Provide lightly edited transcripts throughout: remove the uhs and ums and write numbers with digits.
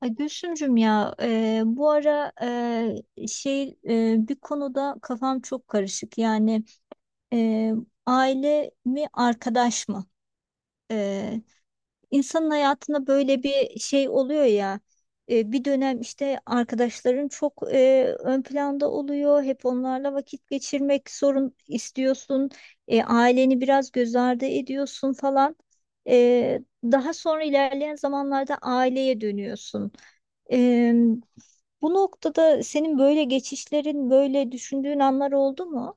Ay Gülsümcüm ya bu ara bir konuda kafam çok karışık. Yani e, aile mi arkadaş mı? E, insanın hayatında böyle bir şey oluyor ya. Bir dönem işte arkadaşların çok ön planda oluyor. Hep onlarla vakit geçirmek zorun istiyorsun. Aileni biraz göz ardı ediyorsun falan. Daha sonra ilerleyen zamanlarda aileye dönüyorsun. Eee, Bu noktada senin böyle geçişlerin, böyle düşündüğün anlar oldu mu?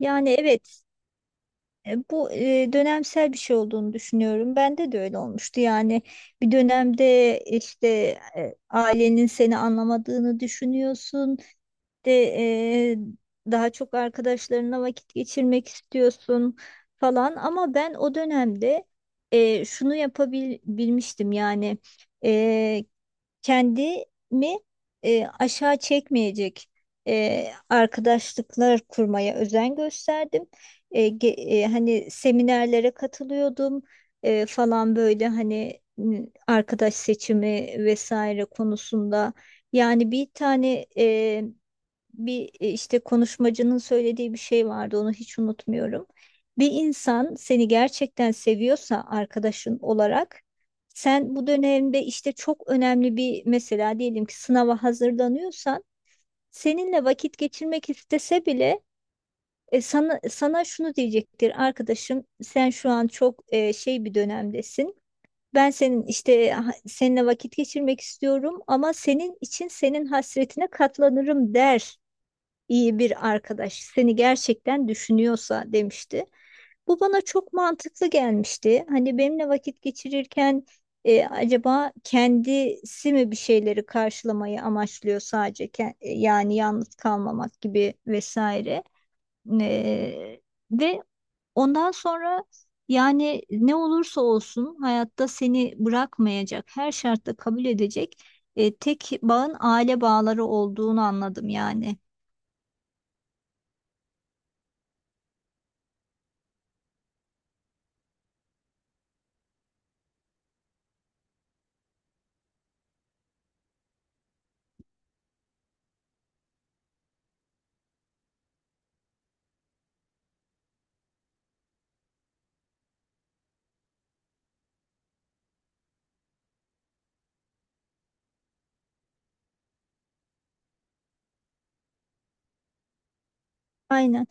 Yani evet, bu dönemsel bir şey olduğunu düşünüyorum. Bende de öyle olmuştu. Yani bir dönemde işte ailenin seni anlamadığını düşünüyorsun. De e, daha çok arkadaşlarına vakit geçirmek istiyorsun falan. Ama ben o dönemde şunu yapabilmiştim yani. e, Kendimi aşağı çekmeyecek arkadaşlıklar kurmaya özen gösterdim. Hani seminerlere katılıyordum falan böyle hani arkadaş seçimi vesaire konusunda. Yani bir tane işte konuşmacının söylediği bir şey vardı onu hiç unutmuyorum. Bir insan seni gerçekten seviyorsa arkadaşın olarak sen bu dönemde işte çok önemli bir, mesela diyelim ki sınava hazırlanıyorsan seninle vakit geçirmek istese bile sana şunu diyecektir: arkadaşım sen şu an çok şey bir dönemdesin. Ben senin işte seninle vakit geçirmek istiyorum ama senin için senin hasretine katlanırım der, iyi bir arkadaş seni gerçekten düşünüyorsa, demişti. Bu bana çok mantıklı gelmişti. Hani benimle vakit geçirirken acaba kendisi mi bir şeyleri karşılamayı amaçlıyor sadece yani yalnız kalmamak gibi vesaire. E, Ve ondan sonra yani ne olursa olsun hayatta seni bırakmayacak, her şartta kabul edecek tek bağın aile bağları olduğunu anladım yani. Aynen.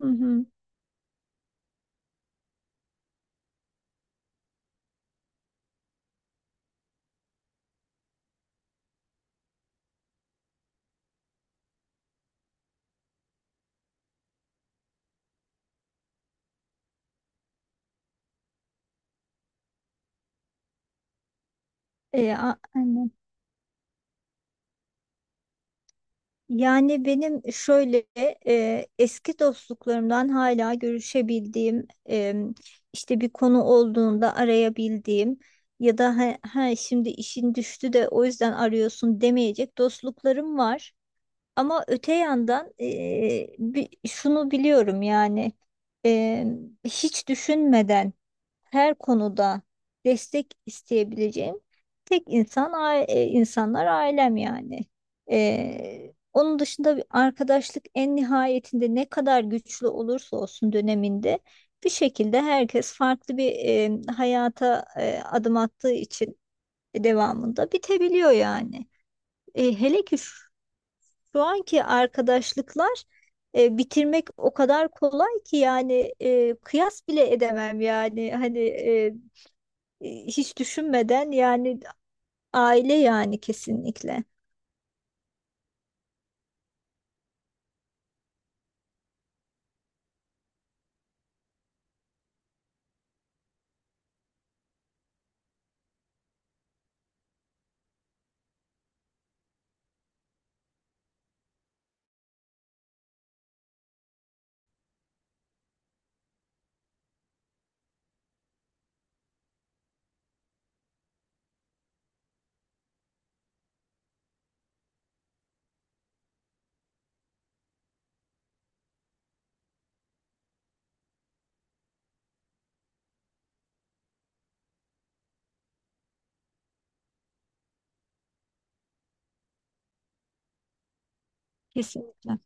Hı hı. Aynen. Yani benim şöyle eski dostluklarımdan hala görüşebildiğim, işte bir konu olduğunda arayabildiğim ya da ha, ha şimdi işin düştü de o yüzden arıyorsun demeyecek dostluklarım var. Ama öte yandan, şunu biliyorum yani, eee, hiç düşünmeden her konuda destek isteyebileceğim tek insanlar ailem yani. Onun dışında bir arkadaşlık en nihayetinde ne kadar güçlü olursa olsun döneminde bir şekilde herkes farklı bir hayata adım attığı için devamında bitebiliyor yani. Hele ki şu anki arkadaşlıklar bitirmek o kadar kolay ki yani, kıyas bile edemem yani hani, hiç düşünmeden yani aile yani, kesinlikle. Kesinlikle.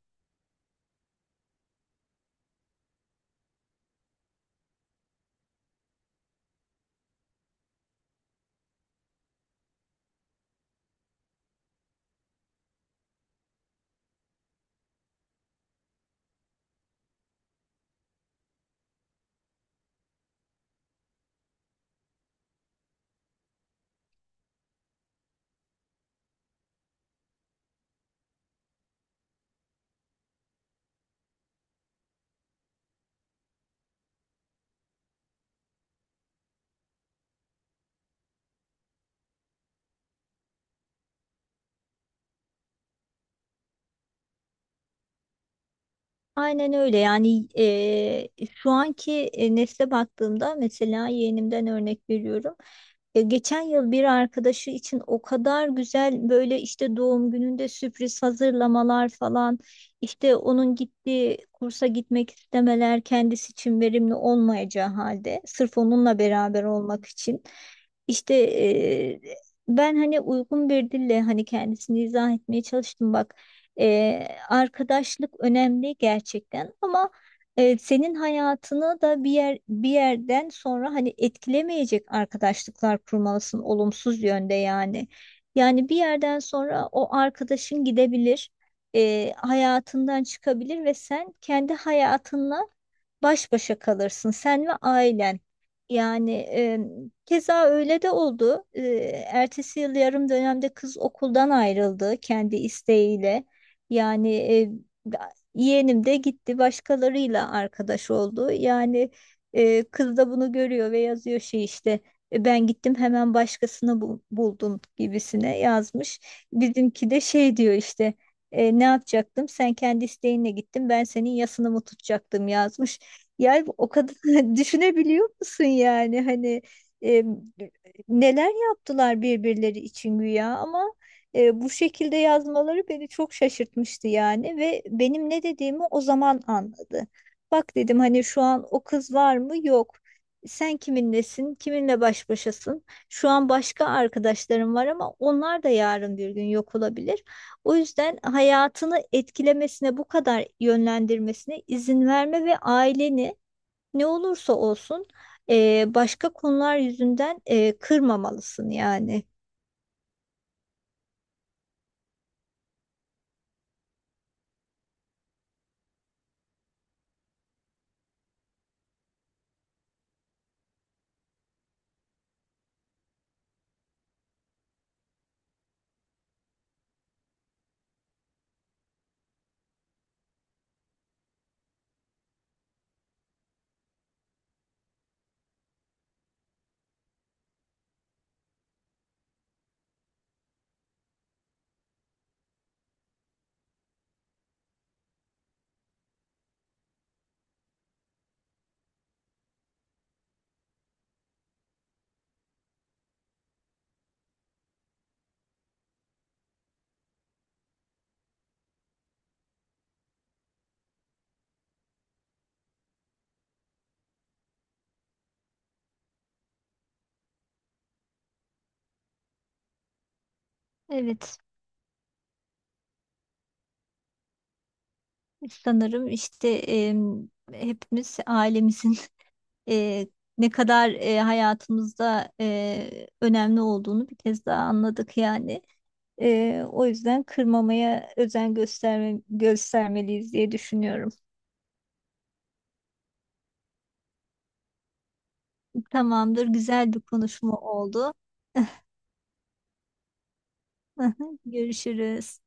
Aynen öyle yani, şu anki nesle baktığımda mesela yeğenimden örnek veriyorum. Geçen yıl bir arkadaşı için o kadar güzel böyle işte doğum gününde sürpriz hazırlamalar falan, işte onun gittiği kursa gitmek istemeler kendisi için verimli olmayacağı halde sırf onunla beraber olmak için işte, ben hani uygun bir dille hani kendisini izah etmeye çalıştım: bak, arkadaşlık önemli gerçekten ama senin hayatını da bir yerden sonra hani etkilemeyecek arkadaşlıklar kurmalısın, olumsuz yönde yani. Yani bir yerden sonra o arkadaşın gidebilir, hayatından çıkabilir ve sen kendi hayatınla baş başa kalırsın, sen ve ailen. Yani keza öyle de oldu. Ertesi yıl yarım dönemde kız okuldan ayrıldı kendi isteğiyle. Yani yeğenim de gitti başkalarıyla arkadaş oldu. Yani kız da bunu görüyor ve yazıyor şey işte, ben gittim hemen başkasını buldum" gibisine yazmış. Bizimki de şey diyor işte, ne yapacaktım, sen kendi isteğinle gittin, ben senin yasını mı tutacaktım" yazmış. Yani o kadar düşünebiliyor musun yani hani, e, neler yaptılar birbirleri için güya ama bu şekilde yazmaları beni çok şaşırtmıştı yani, ve benim ne dediğimi o zaman anladı. Bak dedim hani şu an o kız var mı? Yok. Sen kiminlesin? Kiminle baş başasın? Şu an başka arkadaşlarım var ama onlar da yarın bir gün yok olabilir. O yüzden hayatını etkilemesine, bu kadar yönlendirmesine izin verme ve aileni ne olursa olsun başka konular yüzünden kırmamalısın yani. Evet, sanırım işte hepimiz ailemizin e, ne kadar hayatımızda önemli olduğunu bir kez daha anladık yani. O yüzden kırmamaya özen gösterme, göstermeliyiz diye düşünüyorum. Tamamdır, güzel bir konuşma oldu. Görüşürüz.